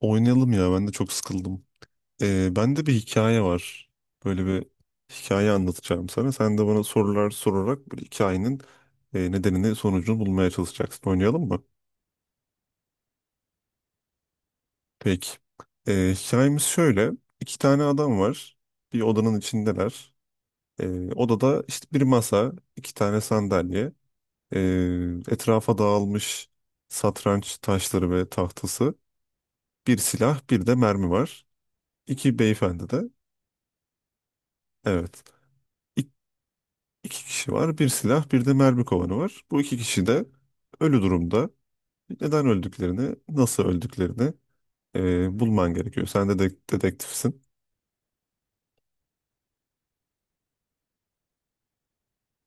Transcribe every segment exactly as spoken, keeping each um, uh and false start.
Oynayalım ya ben de çok sıkıldım. Ee, bende bir hikaye var. Böyle bir hikaye anlatacağım sana. Sen de bana sorular sorarak bu hikayenin e, nedenini sonucunu bulmaya çalışacaksın. Oynayalım mı? Peki. Ee, hikayemiz şöyle. İki tane adam var. Bir odanın içindeler. Ee, odada işte bir masa, iki tane sandalye, ee, etrafa dağılmış satranç taşları ve tahtası, bir silah, bir de mermi var. İki beyefendi de. Evet. İki kişi var. Bir silah, bir de mermi kovanı var. Bu iki kişi de ölü durumda. Neden öldüklerini, nasıl öldüklerini e, bulman gerekiyor. Sen de dedek- dedektifsin.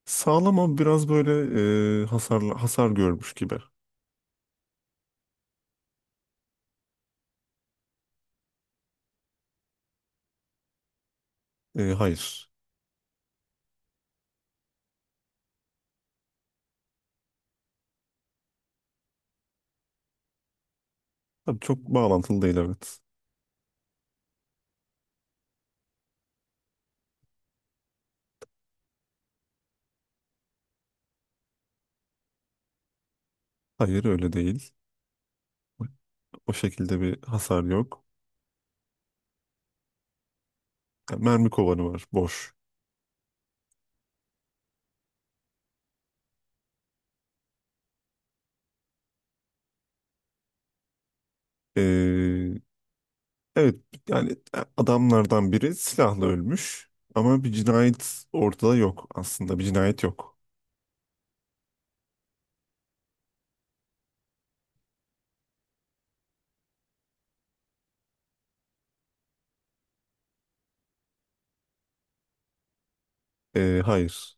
Sağlam ama biraz böyle e, hasar hasar görmüş gibi. E, hayır. Tabii çok bağlantılı değil, evet. Hayır öyle değil. O şekilde bir hasar yok. Yani mermi kovanı var, boş. E, evet, yani adamlardan biri silahla ölmüş. Ama bir cinayet ortada yok aslında. Bir cinayet yok. Ee, hayır.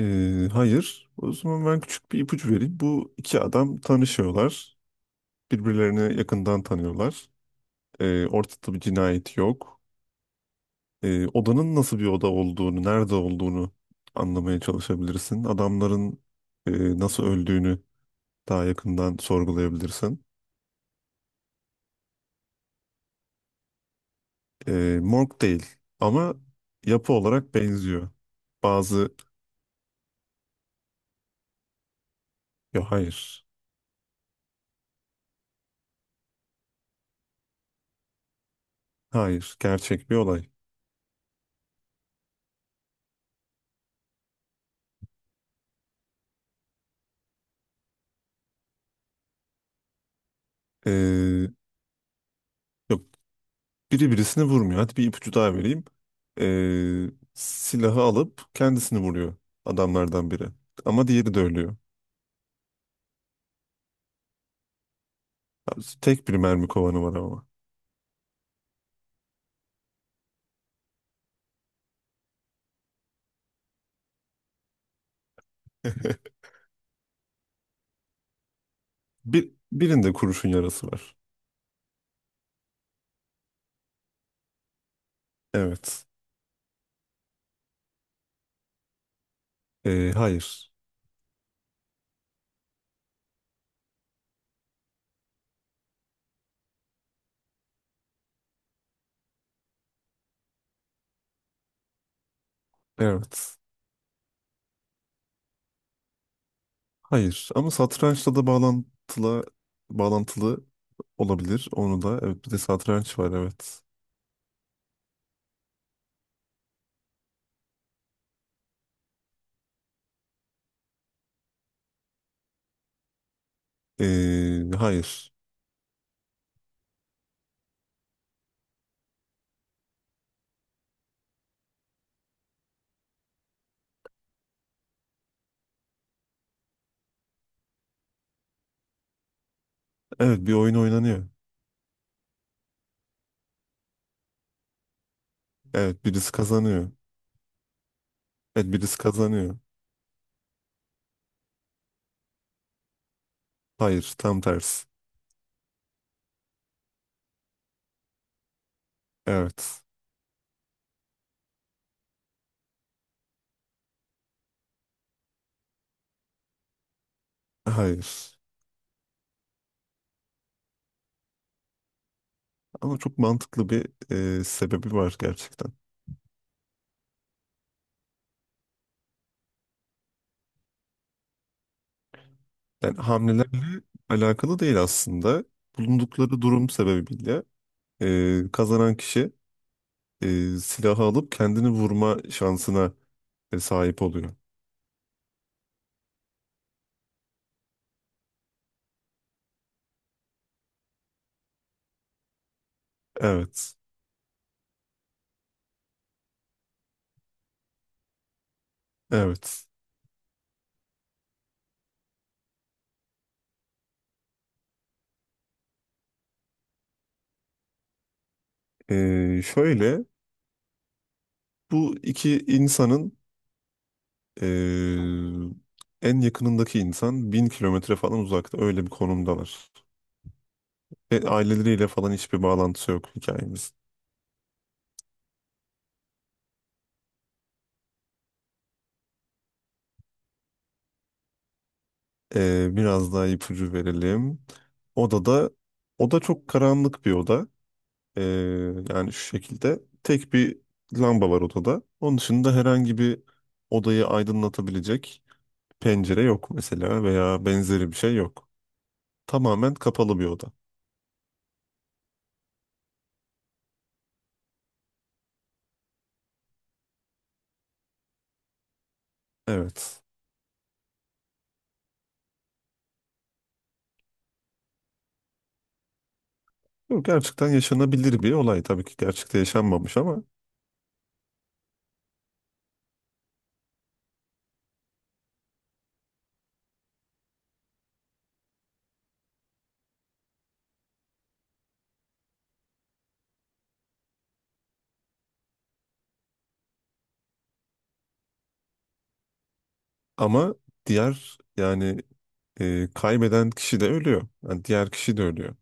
Ee, hayır. O zaman ben küçük bir ipucu vereyim. Bu iki adam tanışıyorlar. Birbirlerini yakından tanıyorlar. Ee, ortada bir cinayet yok. Ee, odanın nasıl bir oda olduğunu, nerede olduğunu anlamaya çalışabilirsin. Adamların e, nasıl öldüğünü daha yakından sorgulayabilirsin. Ee, morg değil ama yapı olarak benziyor. Bazı... Yok, hayır. Hayır. Gerçek bir olay. Ee, yok biri birisini vurmuyor. Hadi bir ipucu daha vereyim. Ee, silahı alıp kendisini vuruyor adamlardan biri. Ama diğeri de ölüyor. Tek bir mermi kovanı var ama. Bir, birinde kurşun yarası var. Evet. Ee, hayır. Evet. Hayır. Ama satrançla da bağlantılı, bağlantılı olabilir. Onu da, evet, bir de satranç var, evet. Ee, hayır. Evet, bir oyun oynanıyor. Evet, birisi kazanıyor. Evet, birisi kazanıyor. Hayır, tam tersi. Evet. Hayır. Ama çok mantıklı bir e, sebebi var gerçekten. Yani hamlelerle alakalı değil aslında. Bulundukları durum sebebiyle e, kazanan kişi e, silahı alıp kendini vurma şansına e, sahip oluyor. Evet. Evet. E, şöyle, bu iki insanın e, en yakınındaki insan bin kilometre falan uzakta, öyle bir konumdalar. Ve aileleriyle falan hiçbir bağlantısı yok hikayemizin. Ee, biraz daha ipucu verelim. Odada, oda çok karanlık bir oda. Ee, Yani şu şekilde tek bir lamba var odada. Onun dışında herhangi bir odayı aydınlatabilecek pencere yok mesela veya benzeri bir şey yok. Tamamen kapalı bir oda. Evet. Bu gerçekten yaşanabilir bir olay. Tabii ki gerçekte yaşanmamış ama ama diğer, yani e, kaybeden kişi de ölüyor. Yani diğer kişi de ölüyor.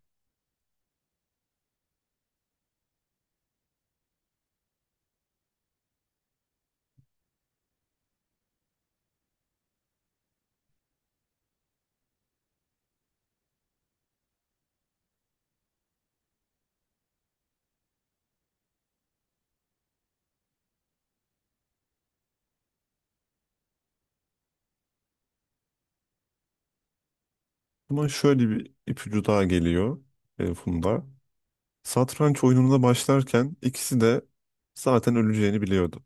Ama şöyle bir ipucu daha geliyor e, Funda. Satranç oyununa başlarken ikisi de zaten öleceğini biliyordu.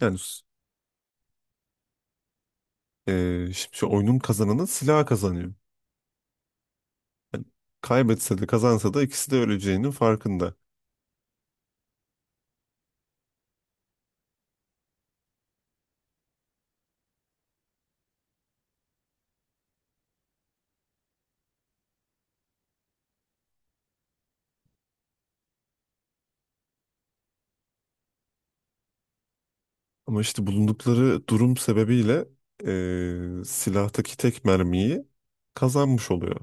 Yani e, şimdi şu oyunun kazananı silah kazanıyor. Yani kaybetse de kazansa da ikisi de öleceğinin farkında. Ama işte bulundukları durum sebebiyle e, silahtaki tek mermiyi kazanmış oluyor.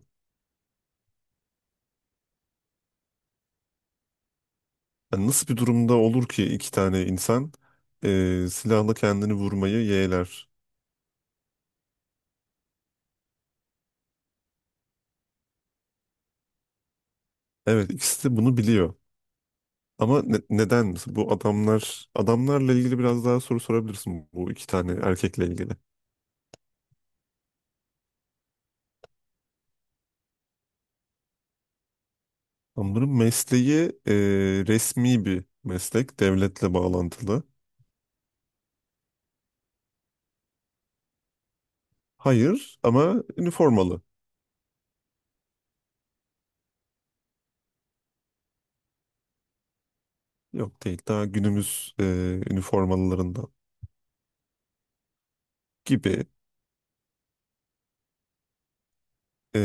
Yani nasıl bir durumda olur ki iki tane insan e, silahla kendini vurmayı yeğler? Evet, ikisi de bunu biliyor. Ama ne- neden mesela bu adamlar adamlarla ilgili biraz daha soru sorabilirsin, bu iki tane erkekle ilgili. Adamların mesleği e, resmi bir meslek, devletle bağlantılı. Hayır, ama üniformalı. Yok, değil, daha günümüz e, üniformalılarından gibi, e,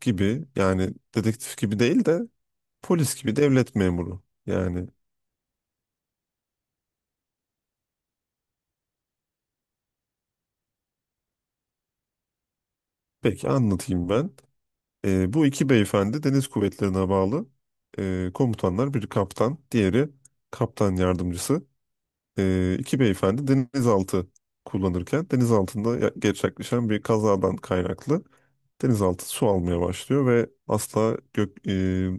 gibi yani, dedektif gibi değil de polis gibi devlet memuru. Yani peki anlatayım ben. E, bu iki beyefendi deniz kuvvetlerine bağlı e, komutanlar. Biri kaptan, diğeri kaptan yardımcısı. E, iki beyefendi denizaltı kullanırken denizaltında ya- gerçekleşen bir kazadan kaynaklı denizaltı su almaya başlıyor ve asla gök, e,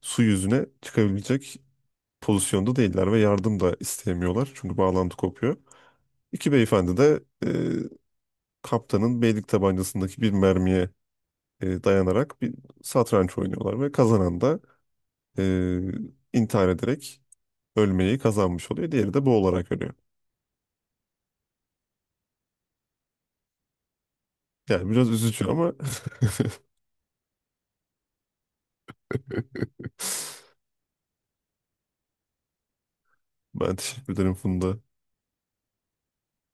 su yüzüne çıkabilecek pozisyonda değiller ve yardım da isteyemiyorlar. Çünkü bağlantı kopuyor. İki beyefendi de e, kaptanın beylik tabancasındaki bir mermiye e, dayanarak bir satranç oynuyorlar ve kazanan da e, intihar ederek ölmeyi kazanmış oluyor. Diğeri de bu olarak ölüyor. Yani biraz üzücü ama ben teşekkür ederim Funda.